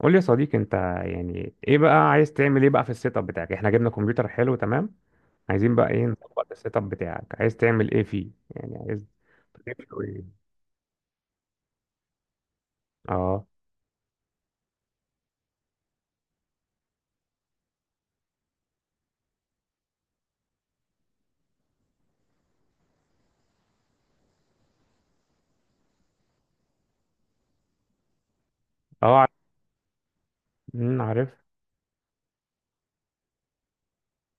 قول لي يا صديقي انت يعني ايه بقى، عايز تعمل ايه بقى في السيت اب بتاعك؟ احنا جبنا كمبيوتر حلو، تمام. عايزين بقى ايه؟ نطبق السيت اب بتاعك، عايز تعمل ايه فيه يعني؟ عايز تعمله ايه؟ اه. اه، عارف. عارف.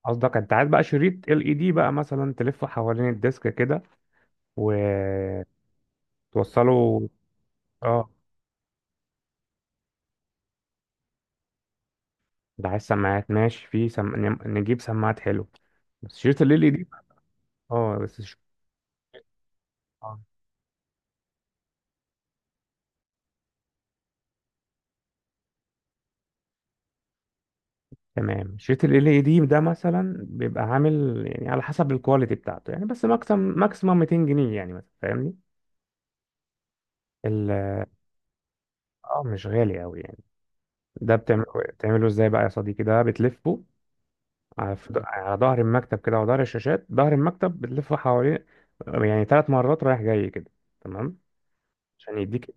قصدك انت عايز بقى شريط ال اي دي بقى، مثلا تلفه حوالين الديسك كده وتوصله؟ اه، ده عايز سماعات ماشي نجيب سماعات، حلو. بس شريط ال ال اي دي، اه بس ش- تمام. شريط ال ال دي ده مثلا بيبقى عامل يعني على حسب الكواليتي بتاعته، يعني بس ماكسيمم ماكسيمم 200 جنيه يعني، مثلا فاهمني؟ ال- اه، مش غالي قوي يعني. ده بتعمله ازاي بقى يا صديقي؟ ده بتلفه على ظهر المكتب كده، وظهر الشاشات، ظهر المكتب بتلفه حواليه يعني ثلاث مرات رايح جاي كده، تمام. عشان يديك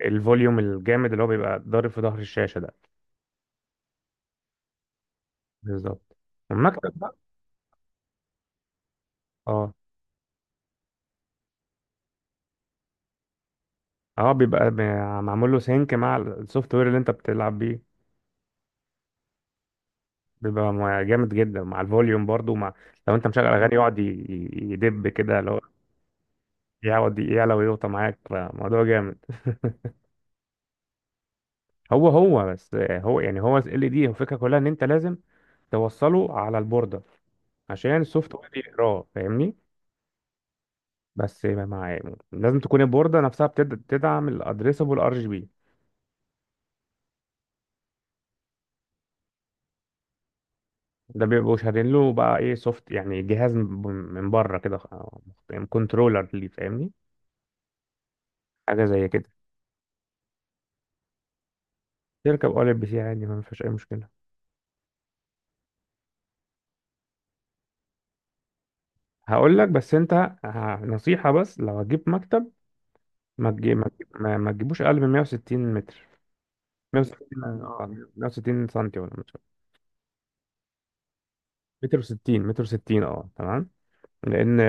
الفوليوم الجامد اللي هو بيبقى ضارب في ظهر الشاشة ده، بالظبط. المكتب بقى، اه. اه، معمول له سينك مع السوفت وير اللي انت بتلعب بيه. جامد جدا، مع الفوليوم برضو، مع، لو انت مشغل اغاني يقعد يدب كده، اللي هو يقعد يعلى ويوطى معاك، فموضوع جامد. هو هو بس هو يعني هو ال دي الفكره كلها ان انت لازم توصله على البورده عشان السوفت وير يقراه، فاهمني؟ بس مع، لازم تكون البورده نفسها بتدعم الادريسبل ار جي بي. ده بيبقوا شارين له بقى ايه، سوفت يعني جهاز من من بره كده، كنترولر ليه، فاهمني؟ حاجه زي كده. تركب اول بي سي عادي، ما فيش اي مشكله. هقول لك، بس انت، نصيحة، بس لو هتجيب مكتب ما تجيبوش اقل من 160 متر. 160، اه. 160 سنتي ولا متر؟ متر و60، متر و60، اه تمام. لان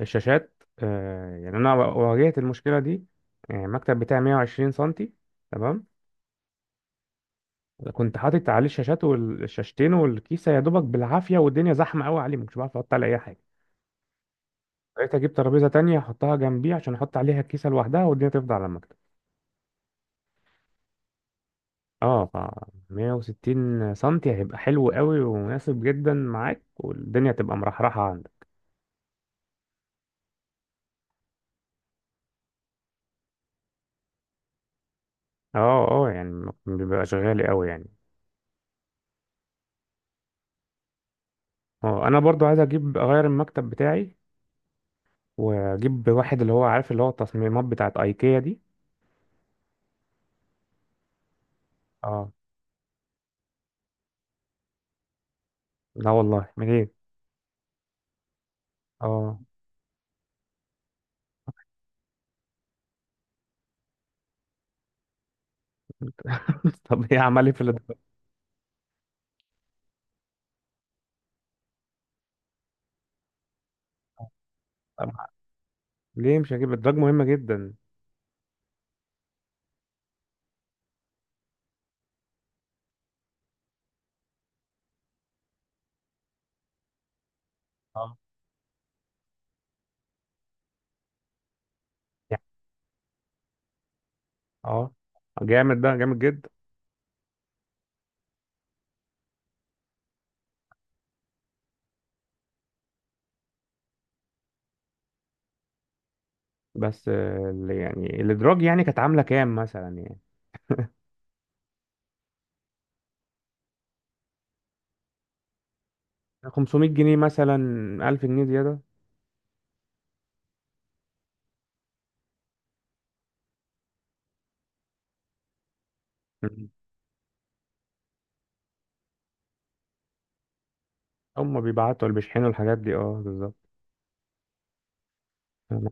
الشاشات، آه يعني، انا واجهت المشكلة دي يعني. المكتب بتاعي 120 سنتي، تمام. كنت حاطط عليه الشاشات والشاشتين والكيسة، يا دوبك بالعافية، والدنيا زحمة قوي عليه، مش بعرف احط عليه اي حاجة. بقيت اجيب ترابيزة تانية احطها جنبي عشان احط عليها الكيسة لوحدها، والدنيا تفضل على المكتب. اه، ف 160 سنتي هيبقى حلو قوي ومناسب جدا معاك، والدنيا تبقى مرحرحة عندك. اه اه، يعني بيبقى شغال قوي يعني. اه، انا برضو عايز اجيب اغير المكتب بتاعي، واجيب واحد اللي هو، عارف، اللي هو التصميمات بتاعت ايكيا دي. اه. لا والله منين. اه. طب ايه، عمل ايه في الادراج؟ طب ليه مش هجيب الادراج؟ مهمة جدا. اه يعني. اه، جامد، ده جامد جدا. بس آه، اللي يعني الادراج يعني كانت عاملة كام مثلا يعني؟ 500 جنيه مثلا، 1000 جنيه زيادة. مم. هم بيبعتوا اللي بيشحنوا الحاجات دي، اه بالظبط. انا،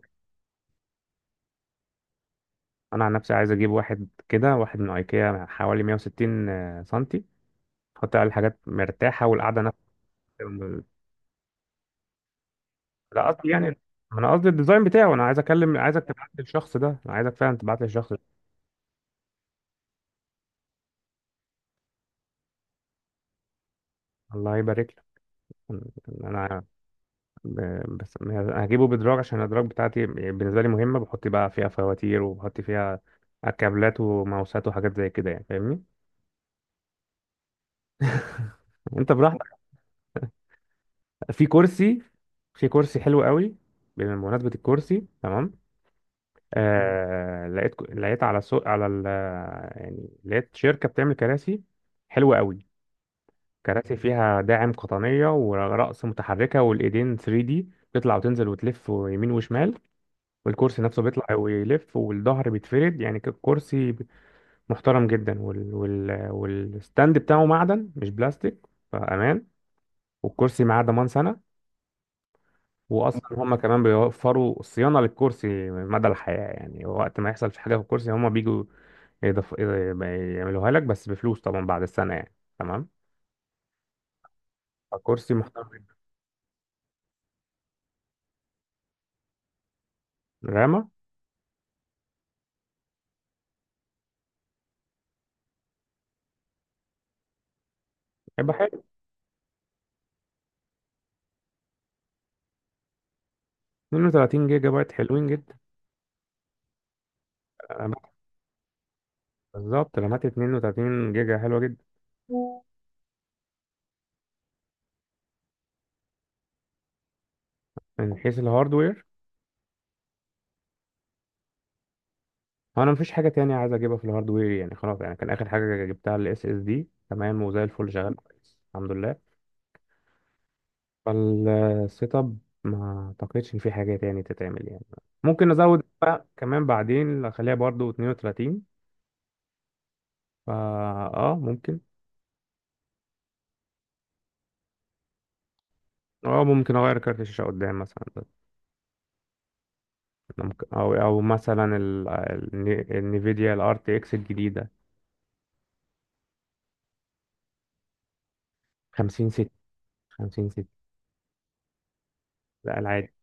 أنا عن نفسي عايز اجيب واحد كده، واحد من ايكيا حوالي 160 سنتي، احط عليه الحاجات مرتاحة، والقعدة نفسها. لا قصدي يعني، ما انا قصدي الديزاين بتاعه. انا عايز اكلم، عايزك تبعت لي الشخص ده، انا عايزك فعلا تبعت لي الشخص ده. الله يبارك لك. انا، بس هجيبه بدراج عشان الادراج بتاعتي بالنسبة لي مهمة، بحط بقى فيها فواتير، وبحط فيها كابلات وماوسات وحاجات زي كده يعني، فاهمني. انت براحتك. في كرسي، في كرسي حلو قوي. بمناسبة الكرسي، تمام. آه، لقيت على سوق، على ال، يعني لقيت شركة بتعمل كراسي حلوة قوي. كراسي فيها داعم قطنية، ورأس متحركة، والإيدين 3D، تطلع وتنزل وتلف يمين وشمال، والكرسي نفسه بيطلع ويلف، والظهر بيتفرد، يعني كرسي محترم جدا، والستاند بتاعه معدن مش بلاستيك، فأمان. والكرسي معاه ضمان سنة، واصلا هم كمان بيوفروا صيانه للكرسي مدى الحياه يعني. وقت ما يحصل في حاجه في الكرسي هم بيجوا يضف... يعملوها لك، بس بفلوس طبعا بعد السنه يعني، تمام. الكرسي محترم جدا. رامه، هيبقى حلو. 32 جيجا بايت حلوين جدا. أنا بك- بالظبط، رامات 32 جيجا حلوه جدا. من حيث الهاردوير، انا مفيش حاجه تانية عايز اجيبها في الهاردوير يعني، خلاص يعني. كان اخر حاجه جبتها الاس اس دي، تمام. وزي الفل شغال كويس، الحمد لله. فالسيت اب، ما اعتقدش ان في حاجه تاني تتعمل يعني. ممكن نزود بقى كمان بعدين، اخليها برضو 32. فا، اه ممكن. اه، ممكن اغير كارت الشاشه قدام مثلا. ممكن او او مثلا النفيديا الار تي اكس الجديده 50 60. 50 60، لا العادي.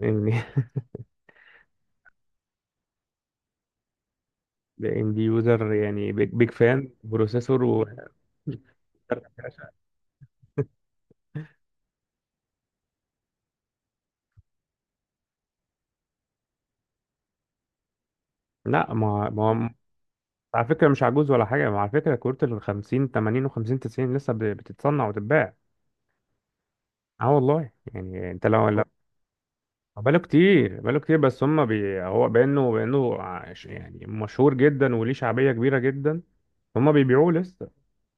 لان، لان دي يوزر يعني، بيج بيج فان بروسيسور و... لا ما ما، على فكره مش عجوز ولا حاجه. ما على فكره كروت ال 50 80 و 50 90 لسه بتتصنع وتتباع. اه والله يعني، انت لو لو، آه. بقاله كتير، بقاله كتير، بس هم بي هو بانه بانه عش- يعني مشهور جدا وليه شعبيه كبيره جدا. هم بيبيعوه لسه.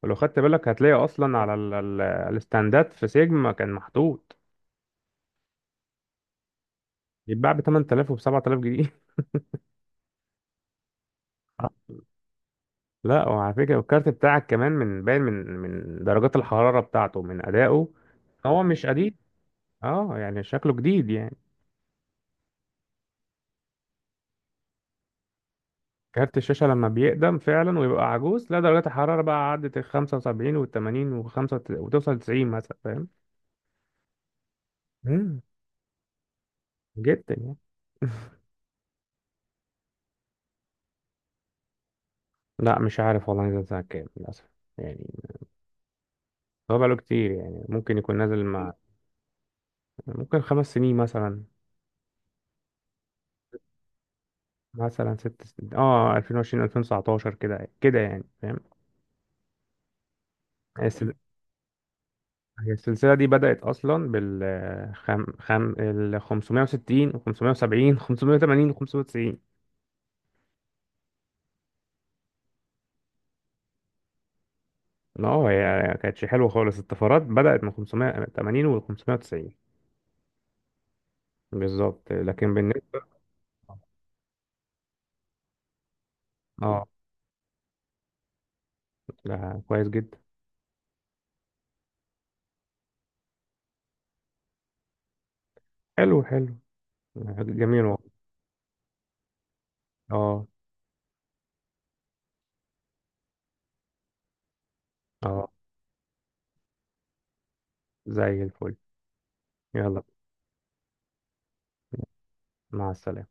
ولو خدت بالك هتلاقي اصلا على الستاندات في سيجما كان محطوط، يتباع ب 8000 وب 7000 جنيه. آه. لا، وعلى فكره الكارت بتاعك كمان، من باين من من درجات الحراره بتاعته، من ادائه، هو مش قديم. اه يعني شكله جديد يعني. كارت الشاشة لما بيقدم فعلا ويبقى عجوز، لا درجات الحرارة بقى عدت ال 75 وال 80 وخمسة، وتوصل 90 مثلا، فاهم؟ امم، جدا يعني. لا مش عارف والله نزل سنة كام للأسف يعني. هو بقاله كتير يعني، ممكن يكون نازل مع، ممكن خمس سنين مثلا، مثلا ست سنين، اه. 2020 2019 كده كده يعني، فاهم. هي السل- هي السلسلة دي بدأت أصلا بال ال 560 و 570 580 و 590. ما هو هي، ما كانتش حلوه خالص، الطفرات بدأت من 580 و 590، بالظبط. لكن بالنسبه، اه، لا كويس جدا. حلو، حلو، جميل والله. اه اه، زي الفل. يلا، مع السلامه.